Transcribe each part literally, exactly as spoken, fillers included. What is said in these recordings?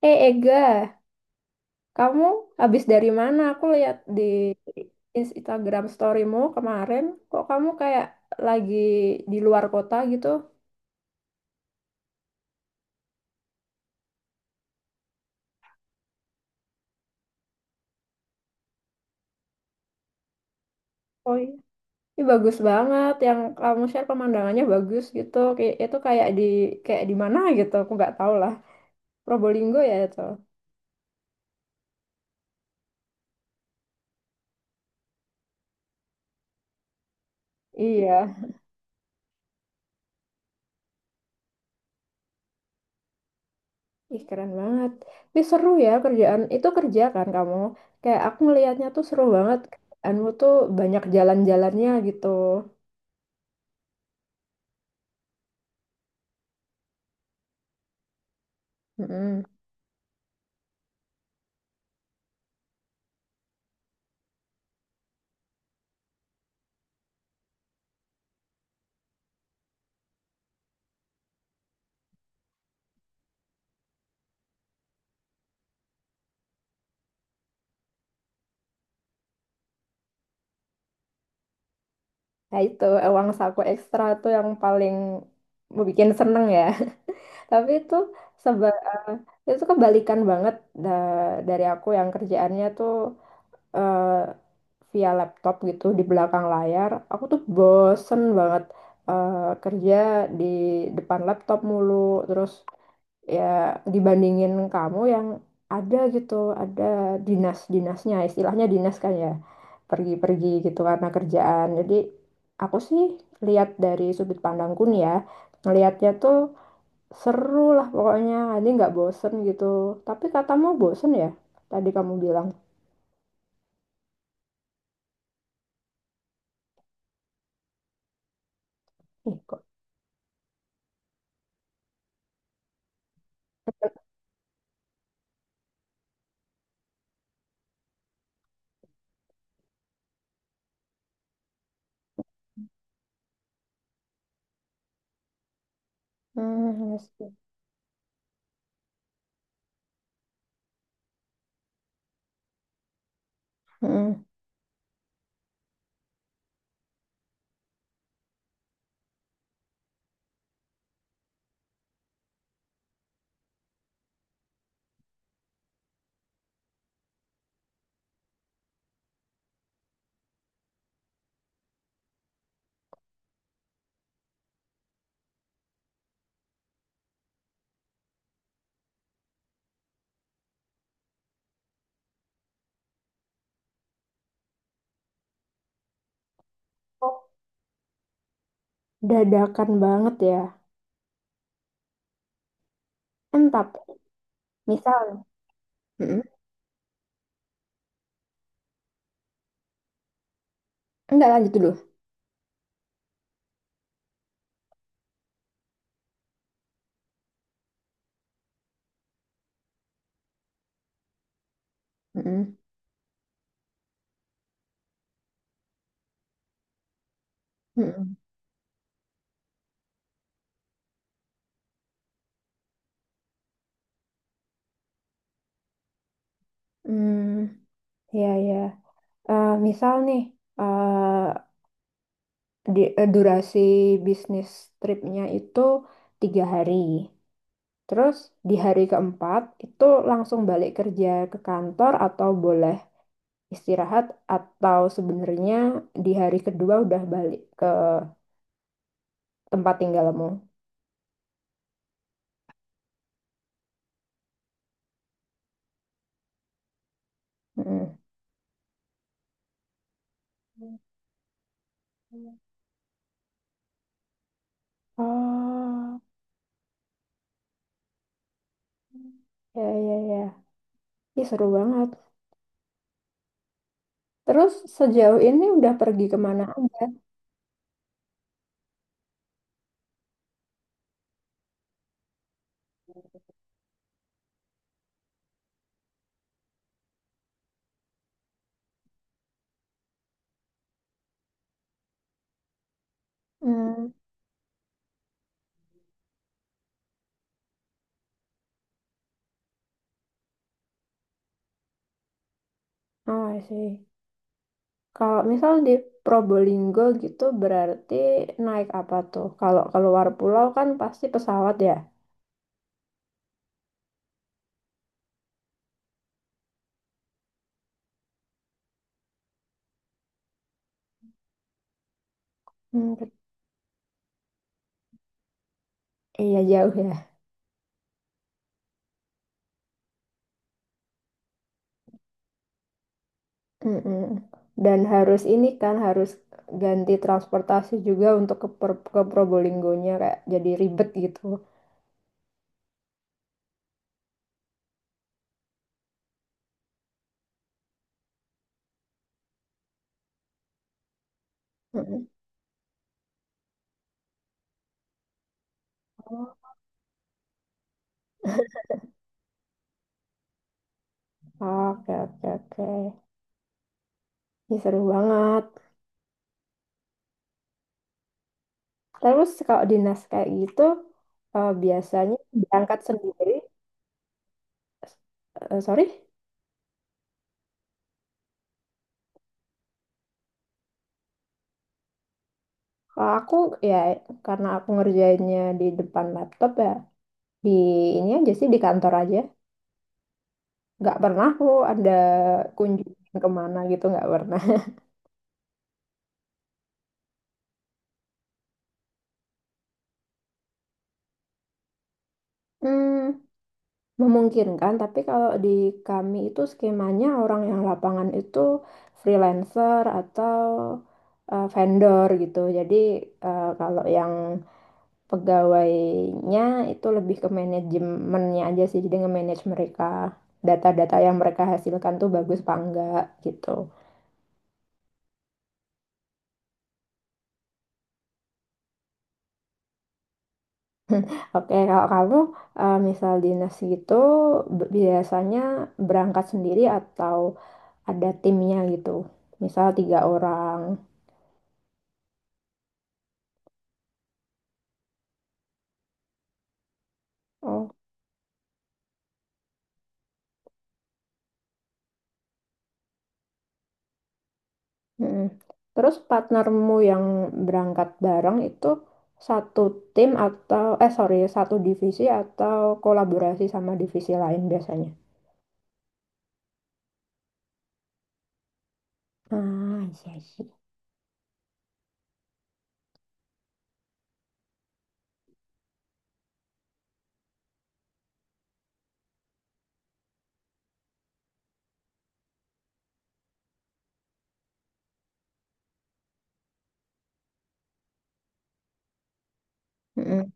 Eh, Ega, kamu habis dari mana? Aku lihat di Instagram storymu kemarin, kok kamu kayak lagi di luar kota gitu? Oh iya. Ini bagus banget, yang kamu share pemandangannya bagus gitu. Kayak itu kayak di kayak di mana gitu? Aku nggak tahu lah. Probolinggo ya itu. Iya. Ih keren banget. Tapi seru ya kerjaan. Itu kerja kan kamu? Kayak aku ngelihatnya tuh seru banget. Kerjaanmu tuh banyak jalan-jalannya gitu. Mm-mm. Nah itu eh, uang saku ekstra tuh yang paling bikin seneng ya. Tapi itu seba eh, itu kebalikan banget da- dari aku yang kerjaannya tuh eh, via laptop gitu di belakang layar. Aku tuh bosen banget eh, kerja di depan laptop mulu. Terus ya dibandingin kamu yang ada gitu, ada dinas-dinasnya, istilahnya dinas kan ya, pergi-pergi gitu karena kerjaan. Jadi aku sih lihat dari sudut pandangku nih ya, ngelihatnya tuh seru lah pokoknya, nanti nggak bosen gitu. Tapi katamu bosen ya, tadi kamu bilang. Ih, kok. Hmm, iya. Mm-mm. Kok dadakan banget ya. Entap, misal. Mm-mm. Enggak lanjut dulu. Mm-mm. Mm-mm. Hmm, ya ya. Eh, misal nih, eh, di, eh, durasi bisnis tripnya itu tiga hari. Terus di hari keempat itu langsung balik kerja ke kantor atau boleh istirahat atau sebenarnya di hari kedua udah balik ke tempat tinggalmu. Mm. Oh, ya ya ya. Ih, seru banget. Terus sejauh ini udah pergi kemana aja? Hmm. Oh, I see. Kalau misal di Probolinggo gitu berarti naik apa tuh? Kalau keluar pulau kan pasti pesawat ya. Hmm, bet- iya jauh ya. Mm-mm. Dan harus ini kan harus ganti transportasi juga untuk ke, Per- ke Probolinggonya kayak jadi ribet gitu. Mm-mm. Oh, oke oke oke. Ini seru banget. Terus kalau dinas kayak gitu eh, biasanya berangkat sendiri. Eh, sorry? Kalau aku ya karena aku ngerjainnya di depan laptop ya di ini aja sih di kantor aja. Nggak pernah aku ada kunjungan kemana gitu nggak pernah. Hmm, memungkinkan tapi kalau di kami itu skemanya orang yang lapangan itu freelancer atau eh, vendor gitu. Jadi eh, kalau yang pegawainya itu lebih ke manajemennya aja sih jadi nge-manage mereka data-data yang mereka hasilkan tuh bagus apa enggak gitu. Oke kalau kamu eh, misal dinas gitu b- biasanya berangkat sendiri atau ada timnya gitu misal tiga orang. Oh, mm-mm. Terus partnermu yang berangkat bareng itu satu tim atau eh sorry satu divisi atau kolaborasi sama divisi lain biasanya. Ah, iya, sih. Mm-mm,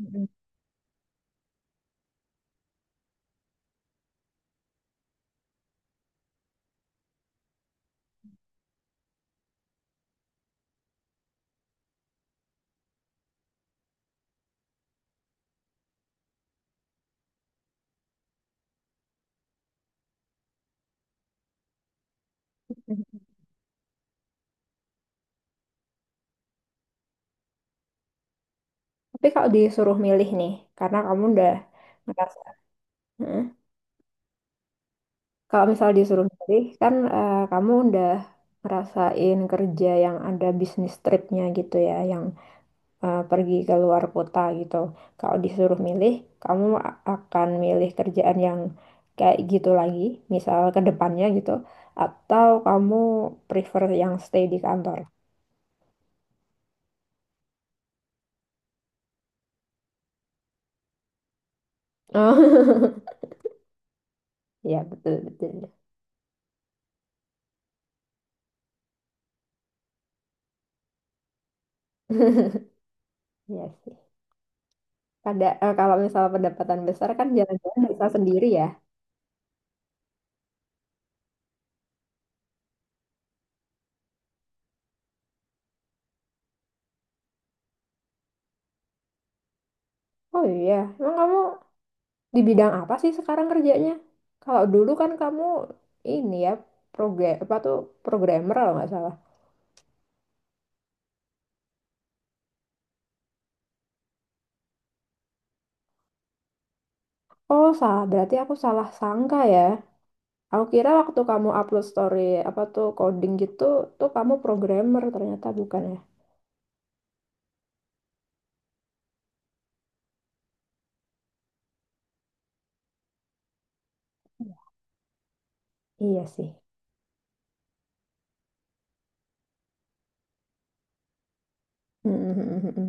mm-mm, mm-mm. Tapi kalau disuruh milih nih, karena kamu udah ngerasa. Mm-mm. Kalau misal disuruh milih, kan eh, kamu udah ngerasain kerja yang ada bisnis tripnya gitu ya, yang eh, pergi ke luar kota gitu. Kalau disuruh milih, kamu a- akan milih kerjaan yang kayak gitu lagi, misal ke depannya gitu, atau kamu prefer yang stay di kantor? Oh, ya betul betul. Ya sih. Kada eh, kalau misal pendapatan besar kan jalan-jalan bisa sendiri ya. Oh iya, emang kamu di bidang apa sih sekarang kerjanya? Kalau dulu kan kamu ini ya program apa tuh programmer kalau nggak salah. Oh salah, berarti aku salah sangka ya. Aku kira waktu kamu upload story apa tuh coding gitu tuh kamu programmer ternyata bukan ya. Iya sih.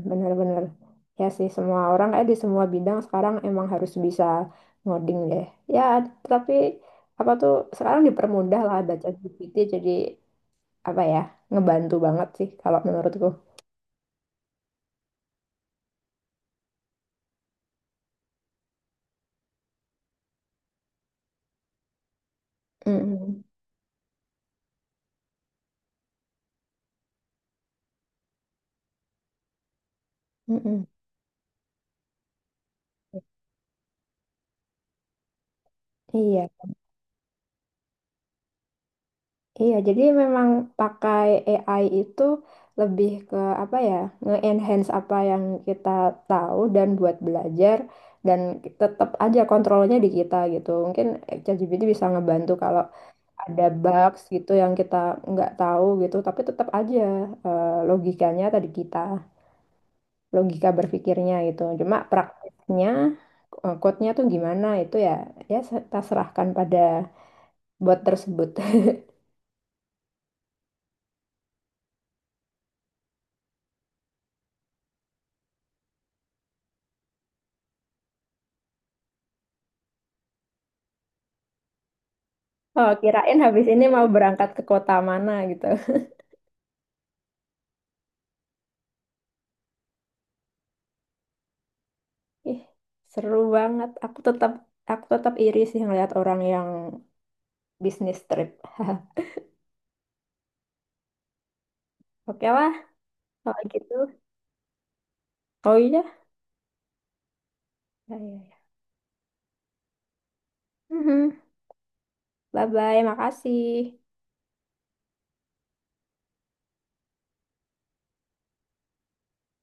Benar-benar. Ya sih, semua orang eh di semua bidang sekarang emang harus bisa ngoding deh. Ya, tapi apa tuh sekarang dipermudah lah ada ChatGPT jadi apa ya, ngebantu banget sih kalau menurutku. Mm-mm. Mm-mm. Iya, iya. Jadi memang pakai A I itu lebih ke apa ya, nge-enhance apa yang kita tahu dan buat belajar dan tetap aja kontrolnya di kita gitu. Mungkin eh, ChatGPT bisa ngebantu kalau ada bugs gitu yang kita nggak tahu gitu tapi tetap aja eh, logikanya tadi kita logika berpikirnya gitu cuma praktiknya eh, code-nya tuh gimana itu ya ya se- kita serahkan pada bot tersebut. Oh kirain habis ini mau berangkat ke kota mana gitu. Ih seru banget aku tetap aku tetap iri sih ngeliat orang yang bisnis trip. Oke lah kalau gitu. Oh iya. Ya, ya, ya. Mhm. Bye bye makasih.